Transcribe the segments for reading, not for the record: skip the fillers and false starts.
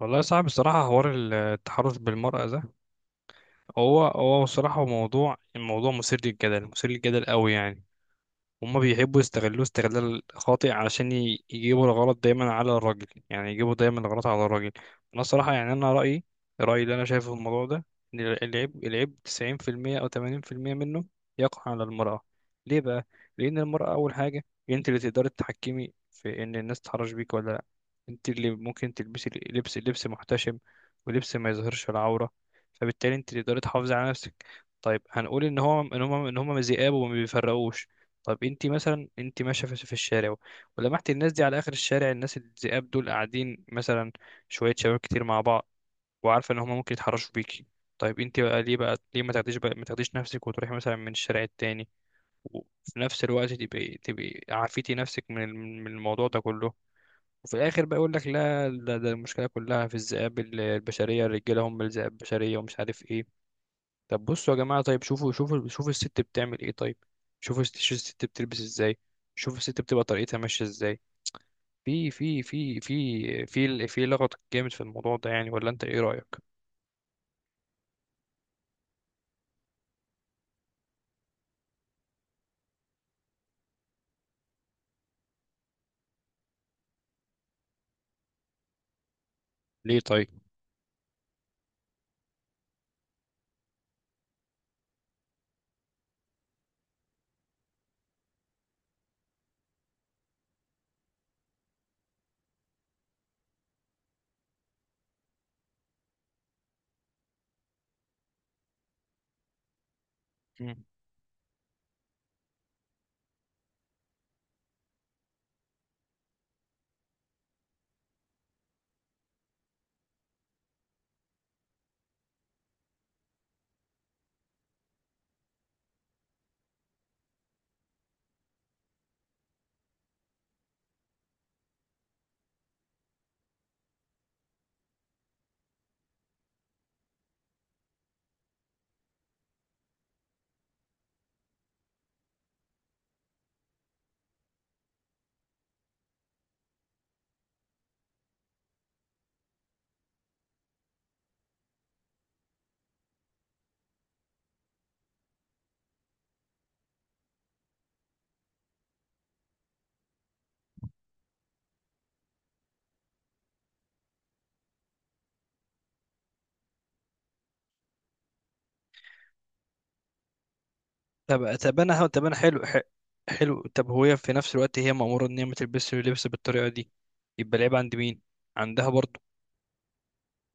والله صعب الصراحة حوار التحرش بالمرأة ده. هو الصراحة الموضوع مثير للجدل، قوي يعني. هما بيحبوا يستغلوه استغلال خاطئ علشان يجيبوا الغلط دايما على الراجل، يعني يجيبوا دايما الغلط على الراجل. انا الصراحه يعني انا رايي رايي اللي انا شايفه في الموضوع ده ان العيب 90% او 80% منه يقع على المراه. ليه بقى؟ لان المراه اول حاجه انت اللي تقدري تتحكمي في ان الناس تتحرش بيك ولا لا. انت اللي ممكن تلبسي لبس محتشم، ولبس ما يظهرش العوره، فبالتالي انت اللي تقدري تحافظي على نفسك. طيب هنقول ان هو ان هم ذئاب وما بيفرقوش. طب انت ماشيه في الشارع، ولمحت الناس دي على اخر الشارع، الناس الذئاب دول قاعدين، مثلا شويه شباب كتير مع بعض، وعارفه ان هما ممكن يتحرشوا بيكي. طيب انت بقى ليه ما تاخديش نفسك وتروحي مثلا من الشارع التاني، وفي نفس الوقت تبقي عافيتي نفسك من من الموضوع ده كله. وفي الاخر بقى يقول لك لا ده المشكله كلها في الذئاب البشريه، الرجاله هم الذئاب البشريه ومش عارف ايه. طب بصوا يا جماعة، طيب شوفوا الست بتعمل ايه. طيب شوفوا شوفوا الست بتلبس ازاي، شوفوا الست بتبقى طريقتها ماشية ازاي. في لغط جامد في الموضوع ده يعني، ولا انت ايه رأيك؟ ليه طيب؟ مم. طب انا حلو. طب هو هي في نفس الوقت هي مأمورة ان هي ما تلبسش اللبس بالطريقة دي، يبقى العيب عند مين؟ عندها برضه.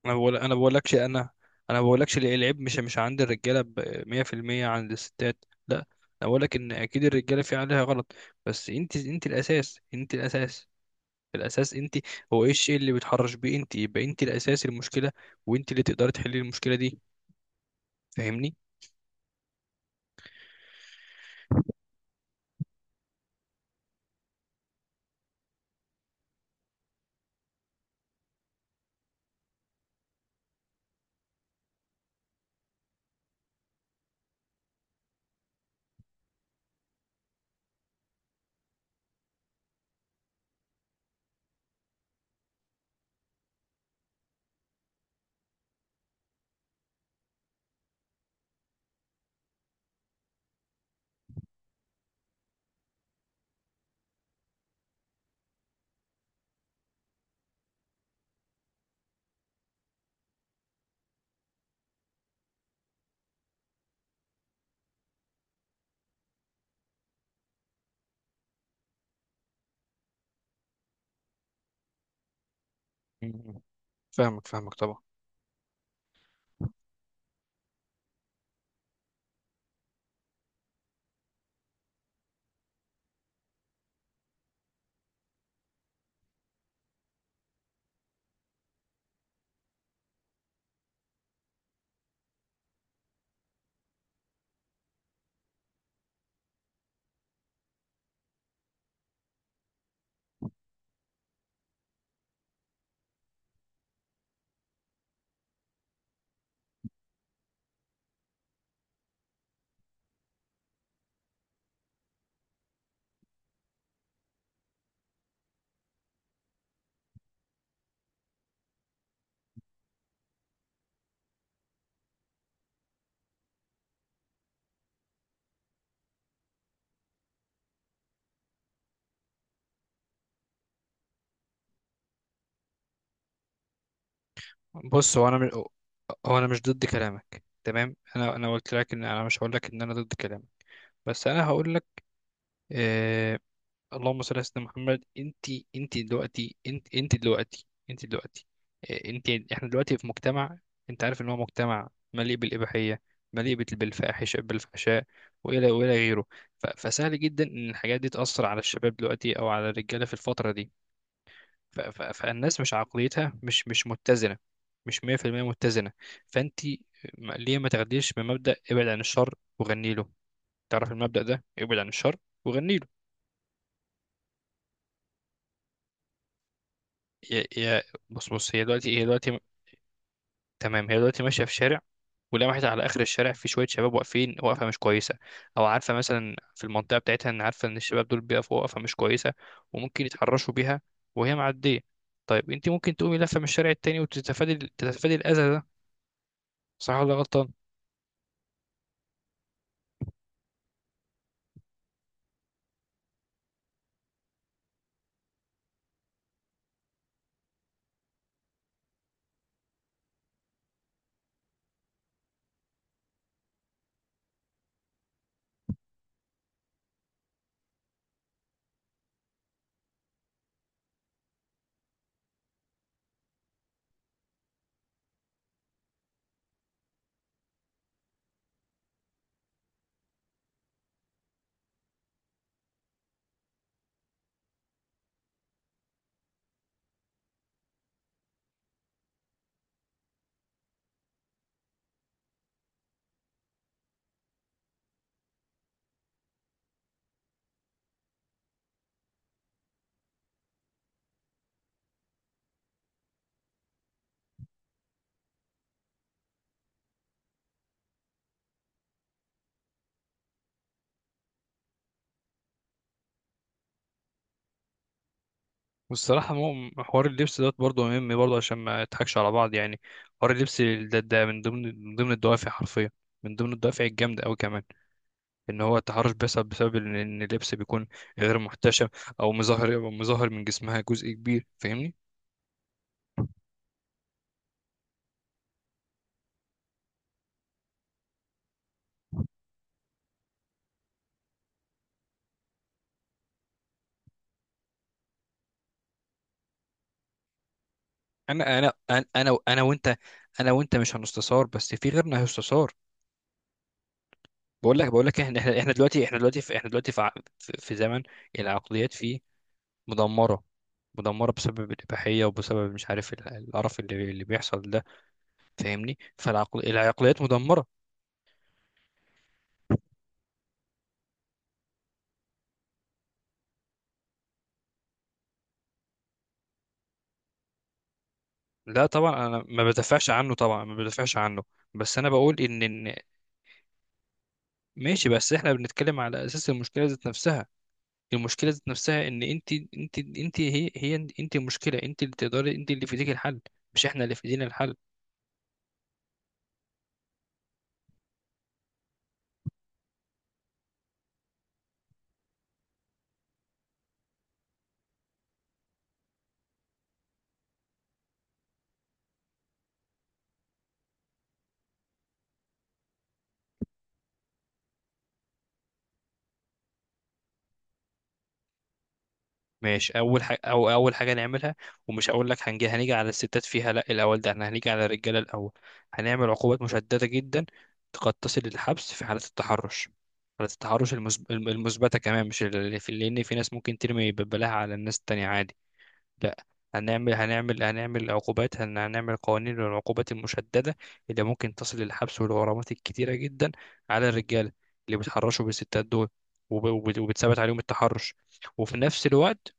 انا بقولكش العيب مش عند الرجاله ب 100%، عند الستات، لا انا بقولك ان اكيد الرجاله في عليها غلط، بس انت الاساس، انت. هو ايه الشيء اللي بيتحرش بيه انت؟ يبقى انت الاساس، المشكله، وانت اللي تقدري تحلي المشكله دي، فاهمني. مم. فاهمك طبعا. بص هو انا مش ضد كلامك، تمام، انا قلت لك ان انا مش هقول لك ان انا ضد كلامك، بس انا هقول لك، آه، اللهم صل على سيدنا محمد. انت انت دلوقتي انت، احنا دلوقتي في مجتمع، انت عارف ان هو مجتمع مليء بالاباحيه، مليء بالفاحشه، بالفحشاء، والى والى غيره. فسهل جدا ان الحاجات دي تاثر على الشباب دلوقتي او على الرجاله في الفتره دي. فالناس مش متزنه، مش 100% متزنه. فانت، ليه ما تاخديش بمبدا ابعد عن الشر وغني له. تعرف المبدا ده؟ ابعد عن الشر وغني له. هي هي- بص هي دلوقتي، تمام، هي دلوقتي ماشيه في شارع، ولمحت على اخر الشارع في شويه شباب واقفين وقفه مش كويسه، او عارفه مثلا في المنطقه بتاعتها ان عارفه ان الشباب دول بيقفوا وقفه مش كويسه وممكن يتحرشوا بيها، وهي معديه. طيب انت ممكن تقومي لفه من الشارع التاني وتتفادي الاذى ده، صح ولا غلطان؟ والصراحه حوار اللبس دوت برضه مهم، برضه عشان ما نضحكش على بعض يعني. حوار اللبس ده، ده من ضمن الدوافع، حرفيا من ضمن الدوافع الجامده قوي كمان، ان هو التحرش بيحصل بسبب ان اللبس بيكون غير محتشم، او مظهر من جسمها جزء كبير، فاهمني. انا انا انا انا انا وانت انا وانت مش هنستثار، بس في غيرنا هيستثار. بقول لك احنا، احنا إحنا دلوقتي احنا دلوقتي في احنا دلوقتي في في زمن العقليات فيه مدمره، مدمره بسبب الاباحيه وبسبب مش عارف القرف اللي بيحصل ده، فاهمني. العقليات مدمره. لا طبعا انا ما بدافعش عنه، طبعا ما بدافعش عنه، بس انا بقول ان. ماشي، بس احنا بنتكلم على اساس المشكله ذات نفسها. المشكله ذات نفسها ان انت انت انت هي هي انت المشكله، انت اللي تقدري، انت اللي في ايديك الحل، مش احنا اللي في ايدينا الحل. ماشي اول حاجه، نعملها، ومش هقول لك هنيجي على الستات فيها، لا، الاول ده احنا هنيجي على الرجاله الاول. هنعمل عقوبات مشدده جدا قد تصل للحبس في حاله التحرش، حاله التحرش المثبته كمان مش اللي في، لان في ناس ممكن ترمي ببلاها على الناس التانية عادي، لا. هنعمل عقوبات، هنعمل قوانين للعقوبات المشددة، اللي ممكن تصل للحبس والغرامات الكتيرة جدا، على الرجالة اللي بيتحرشوا بالستات دول وبتثبت عليهم التحرش. وفي نفس الوقت،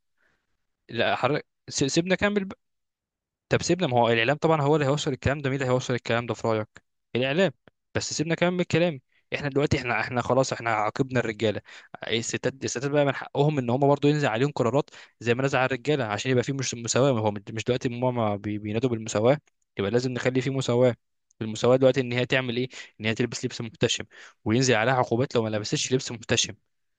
لا حر... سيبنا كمل. طب سيبنا، ما هو الاعلام طبعا هو اللي هيوصل الكلام ده، مين اللي هيوصل الكلام ده في رايك؟ الاعلام. بس سيبنا كمان من الكلام. احنا دلوقتي، احنا احنا خلاص احنا عاقبنا الرجاله، الستات بقى من حقهم ان هم برضو ينزل عليهم قرارات زي ما نزل على الرجاله عشان يبقى في مش مساواه، ما هو مش دلوقتي ماما بينادوا بالمساواه، يبقى لازم نخلي في مساواه. المساواه دلوقتي ان هي تعمل ايه؟ ان هي تلبس لبس محتشم، وينزل عليها عقوبات لو ما لبستش لبس محتشم.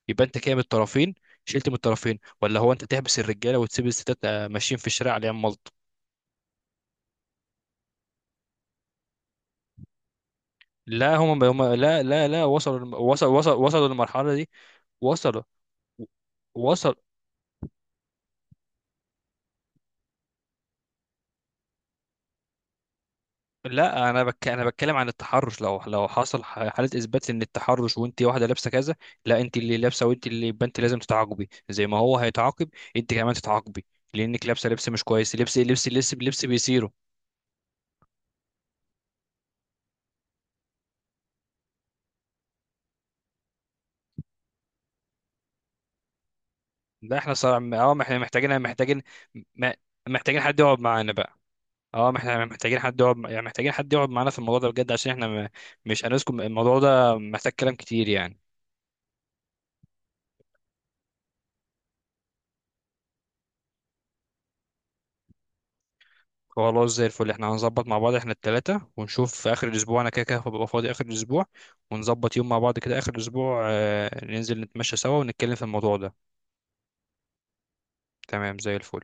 يبقى انت كده من الطرفين شلت من الطرفين، ولا هو انت تحبس الرجاله وتسيب الستات ماشيين في الشارع عليهم؟ لا هم هم لا وصلوا، وصلوا للمرحلة دي. وصلوا وصل. لا انا بتكلم عن التحرش، لو حصل حاله اثبات ان التحرش وانت واحده لابسه كذا، لا انت اللي لابسه، وانت اللي يبقى انت لازم تتعاقبي زي ما هو هيتعاقب، انت كمان تتعاقبي، لانك لابسه لبس مش كويس، لبس بيصيره. ده احنا صار، اه ما احنا محتاجين م- محتاجين حد يقعد معانا بقى. اه ما احنا محتاجين حد يقعد يعني، محتاجين حد يقعد معانا في الموضوع ده بجد، عشان احنا مش هنسكت، الموضوع ده محتاج كلام كتير يعني. خلاص زي الفل، احنا هنظبط مع بعض احنا التلاتة، ونشوف في اخر الاسبوع، انا كده كده هبقى فاضي اخر الاسبوع، ونظبط يوم مع بعض كده اخر الاسبوع، ننزل نتمشى سوا ونتكلم في الموضوع ده. تمام زي الفل.